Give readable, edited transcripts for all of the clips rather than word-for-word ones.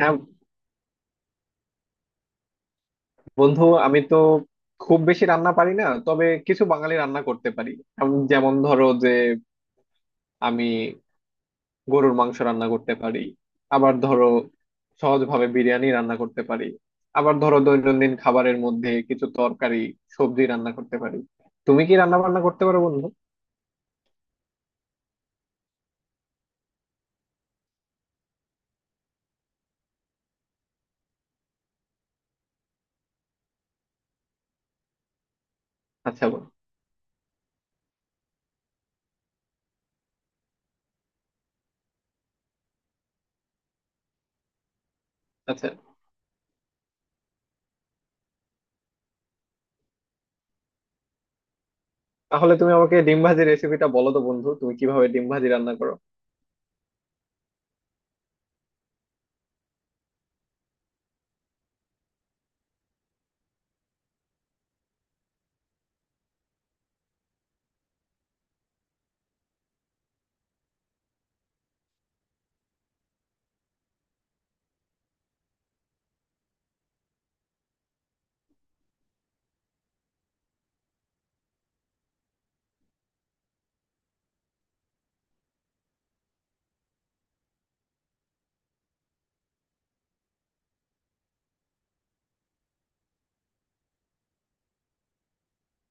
হ্যাঁ বন্ধু, আমি তো খুব বেশি রান্না পারি না, তবে কিছু বাঙালি রান্না করতে পারি। যেমন ধরো যে আমি গরুর মাংস রান্না করতে পারি। আবার ধরো সহজভাবে বিরিয়ানি রান্না করতে পারি। আবার ধরো দৈনন্দিন খাবারের মধ্যে কিছু তরকারি সবজি রান্না করতে পারি। তুমি কি রান্না বান্না করতে পারো বন্ধু? আচ্ছা বন্ধু। আচ্ছা, তাহলে তুমি আমাকে ডিম ভাজির রেসিপিটা বলো তো বন্ধু, তুমি কিভাবে ডিম ভাজি রান্না করো?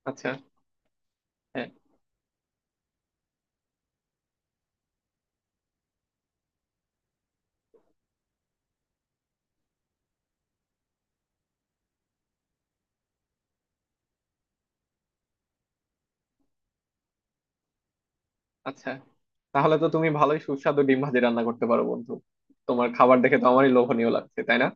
আচ্ছা। হ্যাঁ। আচ্ছা, তাহলে তো তুমি ভালোই সুস্বাদু ডিম ভাজি রান্না করতে পারো বন্ধু। তোমার খাবার দেখে তো আমারই লোভনীয় লাগছে, তাই না?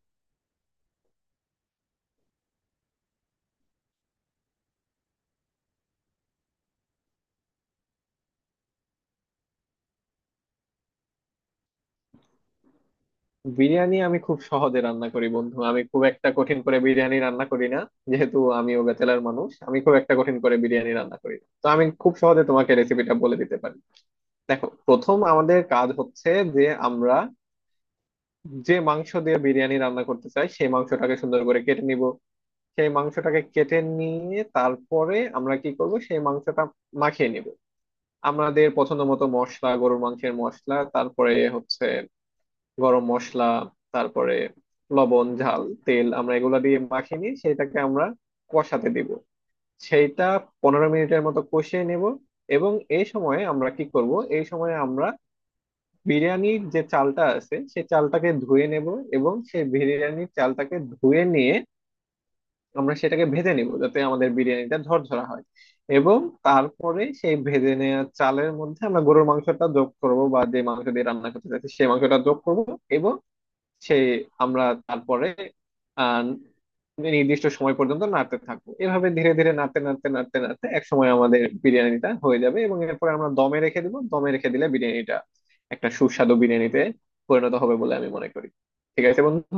বিরিয়ানি আমি খুব সহজে রান্না করি বন্ধু, আমি খুব একটা কঠিন করে বিরিয়ানি রান্না করি না। যেহেতু আমিও ব্যাচেলার মানুষ, আমি খুব একটা কঠিন করে বিরিয়ানি রান্না করি না। তো আমি খুব সহজে তোমাকে রেসিপিটা বলে দিতে পারি। দেখো, প্রথম আমাদের কাজ হচ্ছে যে আমরা যে মাংস দিয়ে বিরিয়ানি রান্না করতে চাই, সেই মাংসটাকে সুন্দর করে কেটে নিব। সেই মাংসটাকে কেটে নিয়ে তারপরে আমরা কি করব, সেই মাংসটা মাখিয়ে নিব আমাদের পছন্দ মতো মশলা, গরুর মাংসের মশলা, তারপরে হচ্ছে গরম মশলা, তারপরে লবণ, ঝাল, তেল। আমরা এগুলা দিয়ে মাখিয়ে নিয়ে সেটাকে আমরা কষাতে দিব। সেইটা 15 মিনিটের মতো কষিয়ে নেব। এবং এই সময়ে আমরা কি করব, এই সময়ে আমরা বিরিয়ানির যে চালটা আছে সেই চালটাকে ধুয়ে নেব। এবং সেই বিরিয়ানির চালটাকে ধুয়ে নিয়ে আমরা সেটাকে ভেজে নিব, যাতে আমাদের বিরিয়ানিটা ঝরঝরা হয়। এবং তারপরে সেই ভেজে নেওয়া চালের মধ্যে আমরা গরুর মাংসটা যোগ করব, বা যে মাংস দিয়ে রান্না করতে চাইছি সেই মাংসটা যোগ করব। এবং সেই আমরা তারপরে আহ নির্দিষ্ট সময় পর্যন্ত নাড়তে থাকবো। এভাবে ধীরে ধীরে নাড়তে নাড়তে নাড়তে নাড়তে এক সময় আমাদের বিরিয়ানিটা হয়ে যাবে, এবং এরপরে আমরা দমে রেখে দিব। দমে রেখে দিলে বিরিয়ানিটা একটা সুস্বাদু বিরিয়ানিতে পরিণত হবে বলে আমি মনে করি। ঠিক আছে বন্ধু।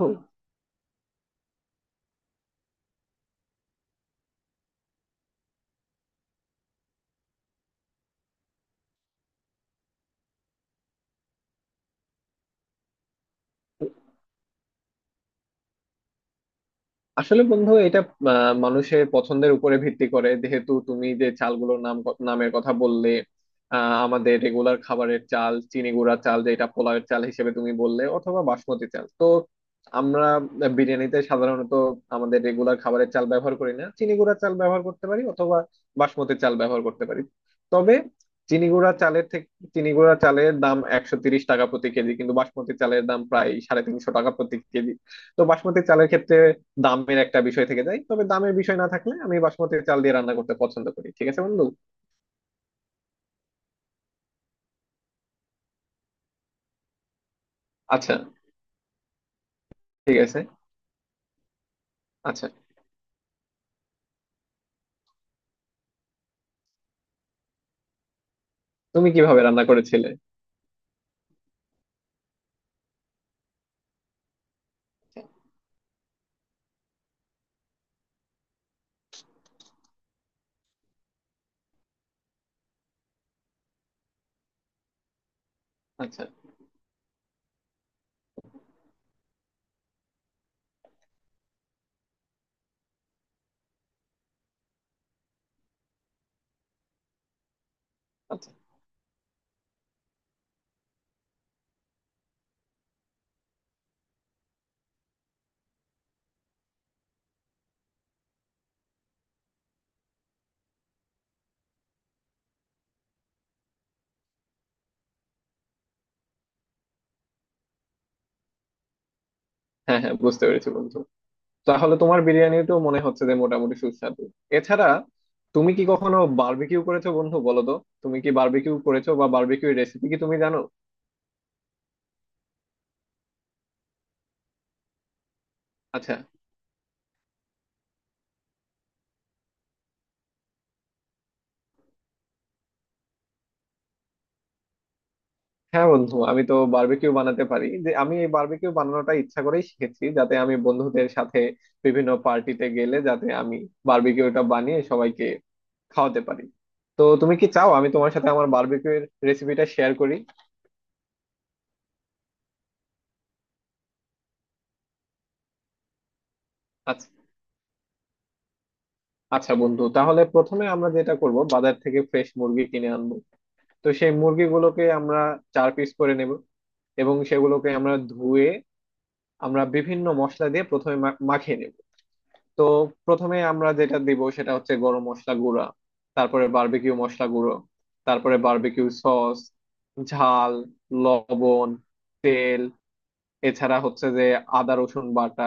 আসলে বন্ধু, এটা মানুষের পছন্দের উপরে ভিত্তি করে। যেহেতু তুমি যে চালগুলোর নামের কথা বললে, আমাদের রেগুলার খাবারের চাল, চিনি গুঁড়া চাল যেটা পোলাওয়ের চাল হিসেবে তুমি বললে, অথবা বাসমতি চাল। তো আমরা বিরিয়ানিতে সাধারণত আমাদের রেগুলার খাবারের চাল ব্যবহার করি না, চিনি গুঁড়া চাল ব্যবহার করতে পারি অথবা বাসমতি চাল ব্যবহার করতে পারি। তবে চিনি গুঁড়া চালের থেকে চিনি গুঁড়া চালের দাম 130 টাকা প্রতি কেজি, কিন্তু বাসমতি চালের দাম প্রায় 350 টাকা প্রতি কেজি। তো বাসমতি চালের ক্ষেত্রে দামের একটা বিষয় থেকে যায়, তবে দামের বিষয় না থাকলে আমি বাসমতি চাল দিয়ে রান্না করতে পছন্দ করি। ঠিক আছে বন্ধু। আচ্ছা। ঠিক আছে। আচ্ছা, তুমি কিভাবে রান্না করেছিলে? আচ্ছা। আচ্ছা। হ্যাঁ হ্যাঁ, বুঝতে পেরেছি বন্ধু। তাহলে তোমার বিরিয়ানিটাও মনে হচ্ছে যে মোটামুটি সুস্বাদু। এছাড়া তুমি কি কখনো বারবিকিউ করেছো বন্ধু, বলো তো? তুমি কি বারবিকিউ করেছো, বা বারবিকিউ রেসিপি কি তুমি জানো? আচ্ছা। হ্যাঁ বন্ধু, আমি তো বারবিকিউ বানাতে পারি। যে আমি এই বারবিকিউ বানানোটা ইচ্ছা করেই শিখেছি, যাতে আমি বন্ধুদের সাথে বিভিন্ন পার্টিতে গেলে যাতে আমি বারবিকিউটা বানিয়ে সবাইকে খাওয়াতে পারি। তো তুমি কি চাও আমি তোমার সাথে আমার বারবিকিউ এর রেসিপিটা শেয়ার করি? আচ্ছা। আচ্ছা বন্ধু, তাহলে প্রথমে আমরা যেটা করব, বাজার থেকে ফ্রেশ মুরগি কিনে আনবো। তো সেই মুরগিগুলোকে আমরা 4 পিস করে নেব। এবং সেগুলোকে আমরা ধুয়ে আমরা বিভিন্ন মশলা দিয়ে প্রথমে মাখিয়ে নেব। তো প্রথমে আমরা যেটা দিব সেটা হচ্ছে গরম মশলা গুঁড়া, তারপরে বারবিকিউ মশলা গুঁড়ো, তারপরে বারবিকিউ সস, ঝাল, লবণ, তেল, এছাড়া হচ্ছে যে আদা রসুন বাটা,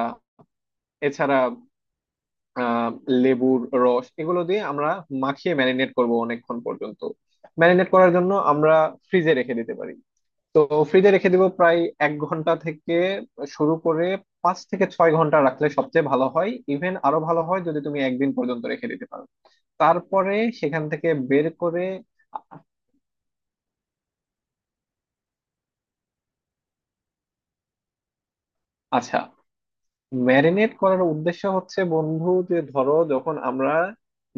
এছাড়া আহ লেবুর রস। এগুলো দিয়ে আমরা মাখিয়ে ম্যারিনেট করব অনেকক্ষণ পর্যন্ত। ম্যারিনেট করার জন্য আমরা ফ্রিজে রেখে দিতে পারি। তো ফ্রিজে রেখে দিব প্রায় 1 ঘন্টা থেকে শুরু করে 5 থেকে 6 ঘন্টা রাখলে সবচেয়ে ভালো হয়। ইভেন আরো ভালো হয় যদি তুমি একদিন পর্যন্ত রেখে দিতে পারো। তারপরে সেখান থেকে বের করে আ- আচ্ছা, ম্যারিনেট করার উদ্দেশ্য হচ্ছে বন্ধু, যে ধরো যখন আমরা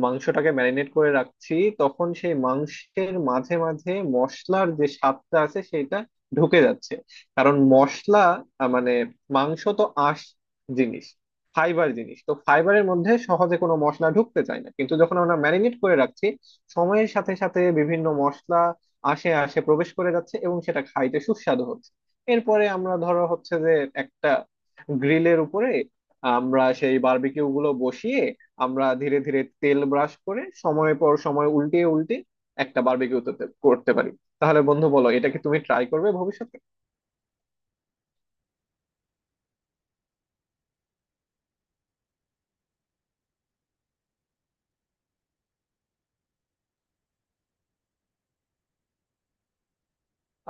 মাংসটাকে ম্যারিনেট করে রাখছি, তখন সেই মাংসের মাঝে মাঝে মশলার যে স্বাদটা আছে সেটা ঢুকে যাচ্ছে। কারণ মশলা মানে মাংস তো আঁশ জিনিস, ফাইবার জিনিস। তো ফাইবারের মধ্যে সহজে কোনো মশলা ঢুকতে চায় না, কিন্তু যখন আমরা ম্যারিনেট করে রাখছি, সময়ের সাথে সাথে বিভিন্ন মশলা আসে আসে প্রবেশ করে যাচ্ছে, এবং সেটা খাইতে সুস্বাদু হচ্ছে। এরপরে আমরা ধরো হচ্ছে যে একটা গ্রিলের উপরে আমরা সেই বারবিকিউ গুলো বসিয়ে আমরা ধীরে ধীরে তেল ব্রাশ করে সময় পর সময় উল্টে একটা বারবিকিউ করতে পারি। তাহলে বন্ধু বলো, এটা কি তুমি ট্রাই করবে ভবিষ্যতে?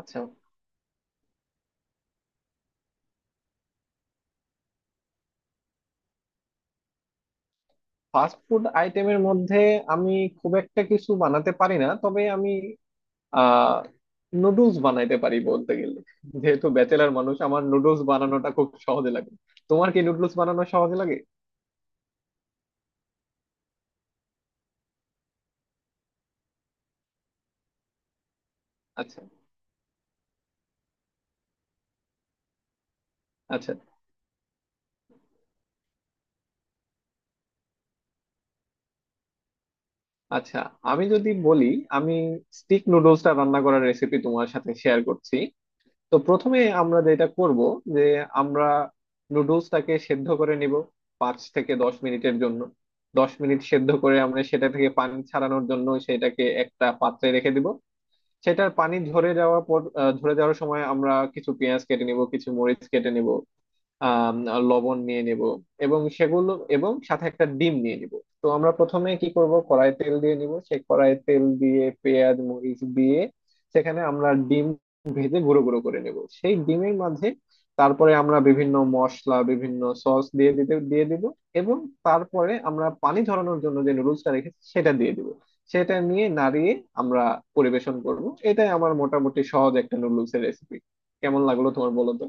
আচ্ছা, ফাস্ট ফুড আইটেমের মধ্যে আমি খুব একটা কিছু বানাতে পারি না, তবে আমি আহ নুডলস বানাইতে পারি বলতে গেলে। যেহেতু ব্যাচেলার মানুষ, আমার নুডলস বানানোটা খুব সহজে লাগে। তোমার কি নুডলস বানানো সহজ লাগে? আচ্ছা। আচ্ছা। আচ্ছা, আমি যদি বলি, আমি স্টিক নুডলসটা রান্না করার রেসিপি তোমার সাথে শেয়ার করছি। তো প্রথমে আমরা যেটা করব যে আমরা নুডলসটাকে সেদ্ধ করে নিব 5 থেকে 10 মিনিটের জন্য। 10 মিনিট সেদ্ধ করে আমরা সেটা থেকে পানি ছাড়ানোর জন্য সেটাকে একটা পাত্রে রেখে দিব। সেটার পানি ঝরে যাওয়ার পর ঝরে যাওয়ার সময় আমরা কিছু পেঁয়াজ কেটে নিব, কিছু মরিচ কেটে নিব, আহ লবণ নিয়ে নেব, এবং সেগুলো এবং সাথে একটা ডিম নিয়ে নিব। তো আমরা প্রথমে কি করব, কড়াই তেল দিয়ে নিব, সেই কড়াই তেল দিয়ে পেঁয়াজ মরিচ দিয়ে সেখানে আমরা ডিম ভেজে গুঁড়ো গুঁড়ো করে নেব সেই ডিমের মাঝে। তারপরে আমরা বিভিন্ন মশলা বিভিন্ন সস দিয়ে দিব। এবং তারপরে আমরা পানি ঝরানোর জন্য যে নুডলসটা রেখেছি সেটা দিয়ে দিব। সেটা নিয়ে নাড়িয়ে আমরা পরিবেশন করব। এটাই আমার মোটামুটি সহজ একটা নুডলসের রেসিপি। কেমন লাগলো তোমার, বলো তো?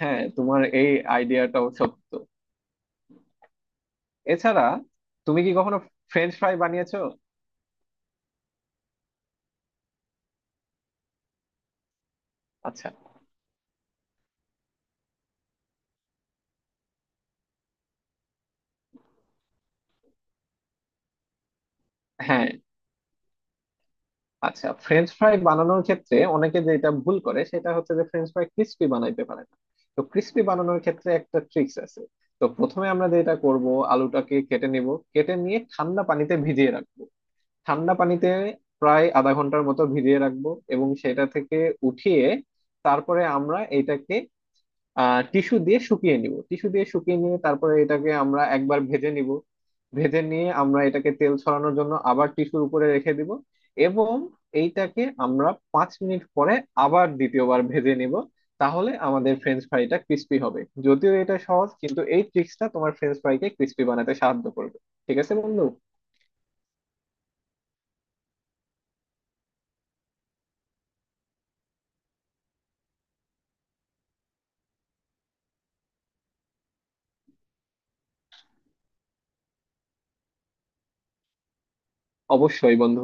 হ্যাঁ, তোমার এই আইডিয়াটাও সত্য। এছাড়া তুমি কি কখনো ফ্রেঞ্চ ফ্রাই বানিয়েছো? আচ্ছা। হ্যাঁ। আচ্ছা, ফ্রেঞ্চ ফ্রাই বানানোর ক্ষেত্রে অনেকে যেটা ভুল করে সেটা হচ্ছে যে ফ্রেঞ্চ ফ্রাই ক্রিস্পি বানাইতে পারে না। তো ক্রিস্পি বানানোর ক্ষেত্রে একটা ট্রিক্স আছে। তো প্রথমে আমরা যেটা করব, আলুটাকে কেটে নিব, কেটে নিয়ে ঠান্ডা পানিতে ভিজিয়ে রাখবো। ঠান্ডা পানিতে প্রায় 1/2 ঘন্টার মতো ভিজিয়ে রাখবো। এবং সেটা থেকে উঠিয়ে তারপরে আমরা এটাকে টিস্যু দিয়ে শুকিয়ে নিব। টিস্যু দিয়ে শুকিয়ে নিয়ে তারপরে এটাকে আমরা একবার ভেজে নিব। ভেজে নিয়ে আমরা এটাকে তেল ছড়ানোর জন্য আবার টিস্যুর উপরে রেখে দিব। এবং এইটাকে আমরা 5 মিনিট পরে আবার দ্বিতীয়বার ভেজে নিব। তাহলে আমাদের ফ্রেঞ্চ ফ্রাইটা ক্রিস্পি হবে। যদিও এটা সহজ, কিন্তু এই ট্রিক্সটা তোমার ফ্রেঞ্চ ফ্রাইকে ক্রিস্পি বানাতে সাহায্য করবে। ঠিক আছে বন্ধু। অবশ্যই বন্ধু।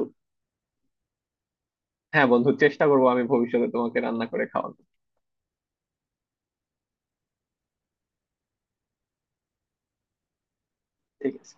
হ্যাঁ বন্ধু, চেষ্টা করবো, আমি ভবিষ্যতে তোমাকে রান্না করে খাওয়াবো। ঠিক আছে।